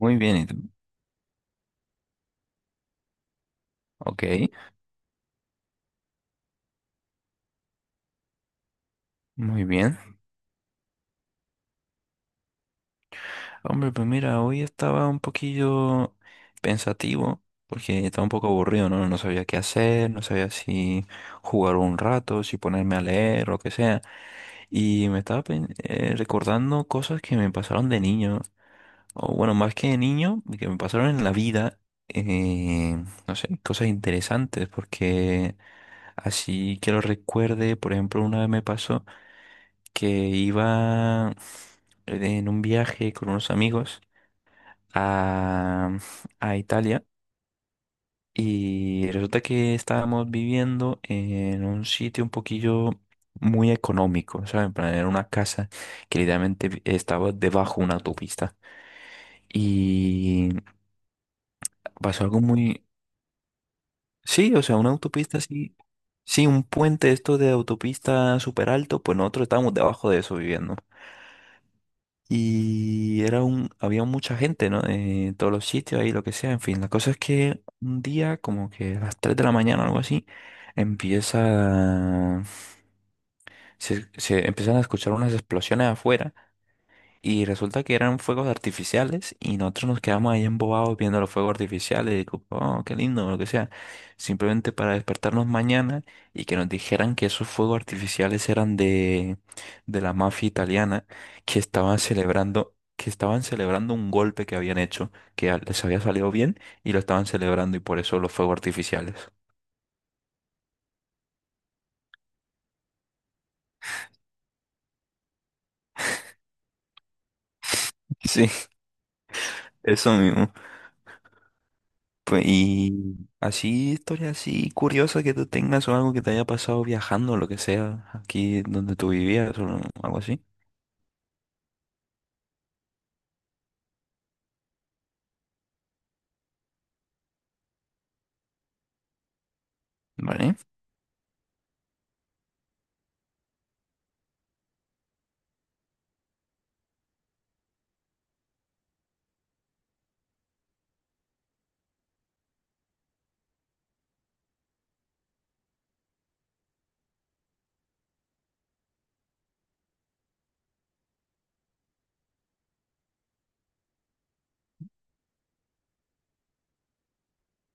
Muy bien, ¿y tú? Ok, muy bien. Hombre, pues mira, hoy estaba un poquillo pensativo porque estaba un poco aburrido, ¿no? No sabía qué hacer, no sabía si jugar un rato, si ponerme a leer, lo que sea. Y me estaba recordando cosas que me pasaron de niño, o bueno, más que de niño, que me pasaron en la vida. No sé, cosas interesantes porque así que lo recuerde, por ejemplo, una vez me pasó que iba en un viaje con unos amigos a, a Italia, y resulta que estábamos viviendo en un sitio un poquillo muy económico, ¿sabes? En plan, era una casa que estaba debajo de una autopista y pasó algo muy... Sí, o sea, una autopista así... Sí, un puente esto de autopista súper alto, pues nosotros estábamos debajo de eso viviendo. Y era un, había mucha gente, ¿no? Todos los sitios ahí, lo que sea, en fin. La cosa es que un día, como que a las 3 de la mañana o algo así, empieza, se empiezan a escuchar unas explosiones afuera, y resulta que eran fuegos artificiales y nosotros nos quedamos ahí embobados viendo los fuegos artificiales y digo, oh, qué lindo, o lo que sea. Simplemente para despertarnos mañana y que nos dijeran que esos fuegos artificiales eran de la mafia italiana, que estaban celebrando un golpe que habían hecho, que les había salido bien, y lo estaban celebrando y por eso los fuegos artificiales. Sí, eso mismo. Pues, y así, historia así curiosa que tú tengas o algo que te haya pasado viajando, lo que sea, aquí donde tú vivías o algo así. Vale.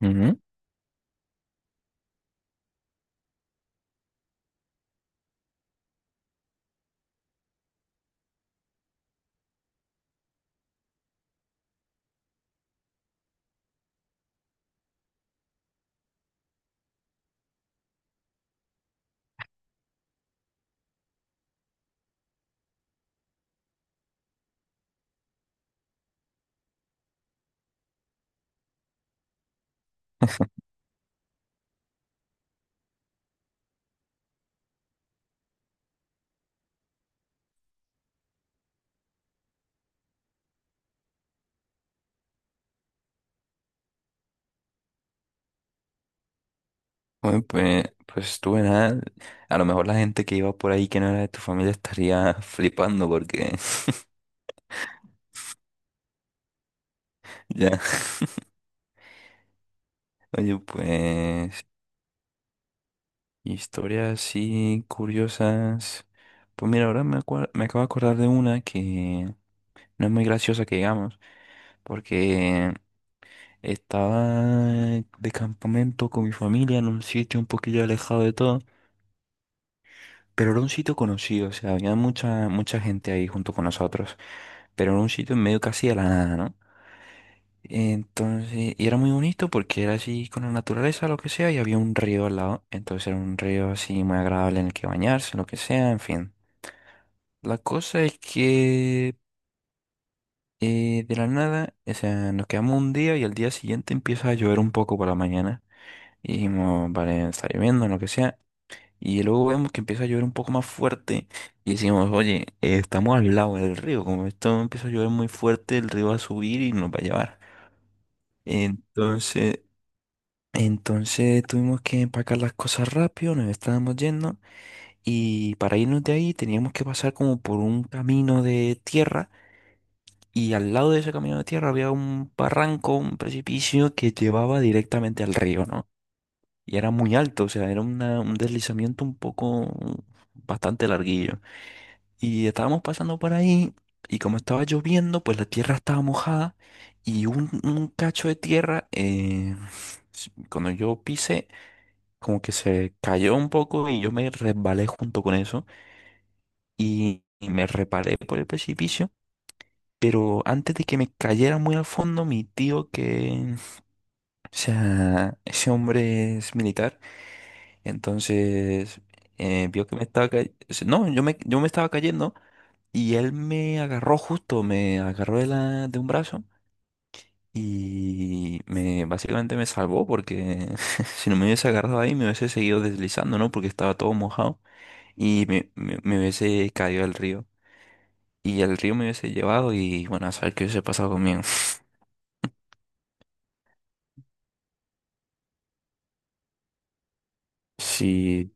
Ujú. Bueno, pues, pues tú nada. A lo mejor la gente que iba por ahí que no era de tu familia estaría flipando porque... Ya. Oye, pues, historias así curiosas. Pues mira, ahora me acabo de acordar de una que no es muy graciosa que digamos, porque estaba de campamento con mi familia en un sitio un poquillo alejado de todo, pero era un sitio conocido, o sea, había mucha, mucha gente ahí junto con nosotros, pero era un sitio en medio casi de la nada, ¿no? Entonces, y era muy bonito porque era así con la naturaleza, lo que sea, y había un río al lado, entonces era un río así muy agradable en el que bañarse, lo que sea, en fin. La cosa es que de la nada, o sea, nos quedamos un día y al día siguiente empieza a llover un poco por la mañana. Y dijimos, vale, está lloviendo, lo que sea. Y luego vemos que empieza a llover un poco más fuerte. Y decimos, oye, estamos al lado del río. Como esto empieza a llover muy fuerte, el río va a subir y nos va a llevar. Entonces, entonces tuvimos que empacar las cosas rápido, nos estábamos yendo. Y para irnos de ahí teníamos que pasar como por un camino de tierra. Y al lado de ese camino de tierra había un barranco, un precipicio que llevaba directamente al río, ¿no? Y era muy alto, o sea, era un deslizamiento un poco bastante larguillo. Y estábamos pasando por ahí, y como estaba lloviendo, pues la tierra estaba mojada, y un cacho de tierra, cuando yo pisé, como que se cayó un poco y yo me resbalé junto con eso, y me reparé por el precipicio. Pero antes de que me cayera muy al fondo, mi tío que, o sea, ese hombre es militar, Entonces, vio que me estaba cayendo. No, yo me estaba cayendo y él me agarró justo, me agarró de un brazo y me, básicamente me salvó porque si no me hubiese agarrado ahí me hubiese seguido deslizando, ¿no? Porque estaba todo mojado y me hubiese caído al río. Y el río me hubiese llevado y bueno, a saber qué hubiese pasado conmigo. Sí.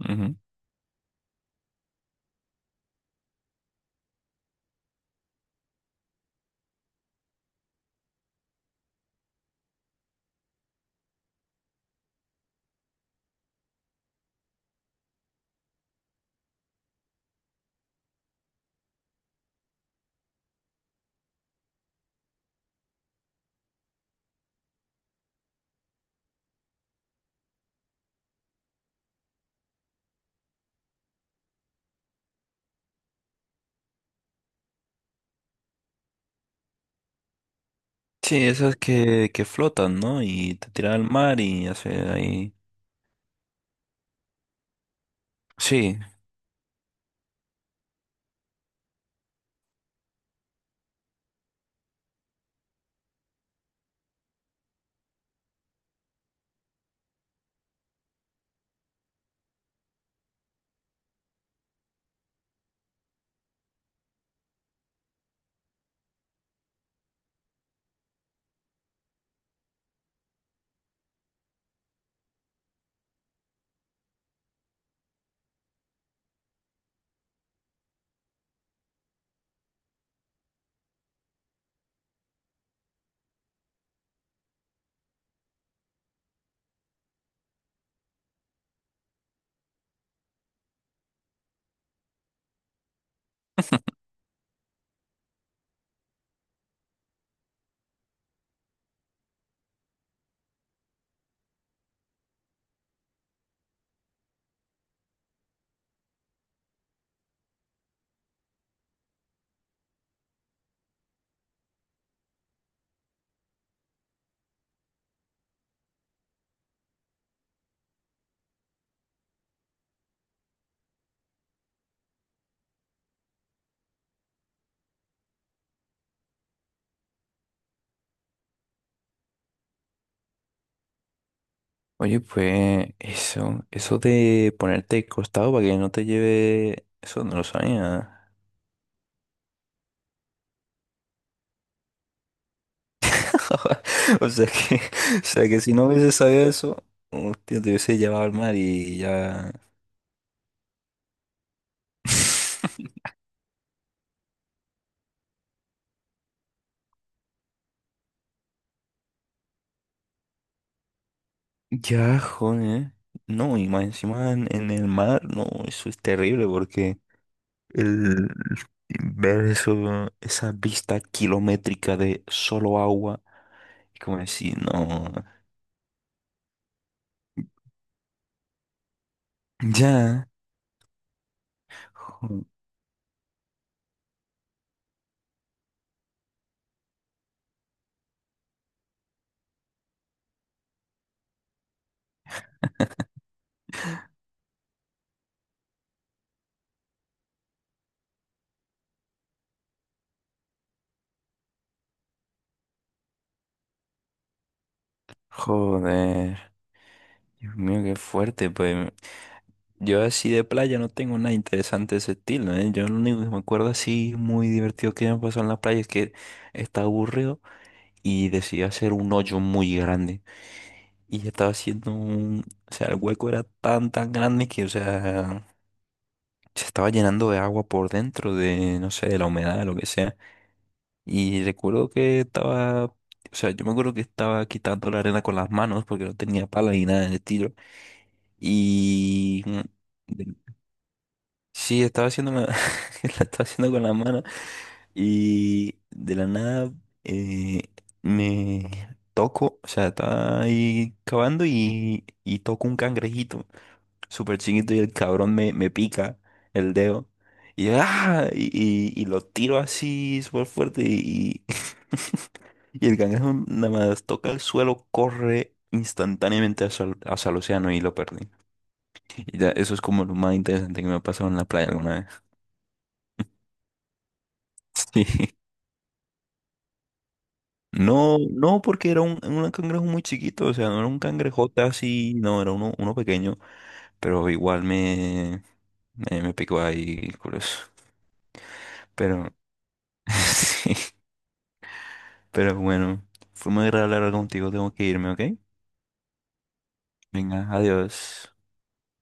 Ujú. Sí, esas que flotan, ¿no? Y te tiran al mar y hace ahí. Sí. Oye, pues eso de ponerte de costado para que no te lleve, eso no lo sabía. O sea que, o sea que si no hubiese sabido eso, hostia, te hubiese llevado al mar y ya. Ya, joder. No, y más encima en el mar, no, eso es terrible porque el ver eso, esa vista kilométrica de solo agua, y como decir, no. Ya, jo- joder. Dios mío, qué fuerte, pues. Yo así de playa no tengo nada interesante de ese estilo, ¿eh? Yo lo único que me acuerdo así muy divertido que me pasó en la playa es que estaba aburrido y decidí hacer un hoyo muy grande. Y estaba haciendo un... O sea, el hueco era tan, tan grande que, o sea, se estaba llenando de agua por dentro, de, no sé, de la humedad, de lo que sea. Y recuerdo que estaba... O sea, yo me acuerdo que estaba quitando la arena con las manos porque no tenía pala ni nada de estilo. Y... Sí, estaba haciendo la, la estaba haciendo con la mano, y de la nada eh, me toco, o sea, estaba ahí cavando y toco un cangrejito súper chiquito y el cabrón me pica el dedo y, yo, ¡ah! Y, y lo tiro así súper fuerte y, y el cangrejo nada más toca el suelo, corre instantáneamente hacia el océano y lo perdí. Y ya, eso es como lo más interesante que me ha pasado en la playa alguna vez. Sí. No, no, porque era un cangrejo muy chiquito, o sea, no era un cangrejote así, no, era uno, uno pequeño, pero igual me, picó ahí, curioso. Pero, sí, pero bueno, fue muy agradable hablar contigo, tengo que irme, ¿ok? Venga, adiós.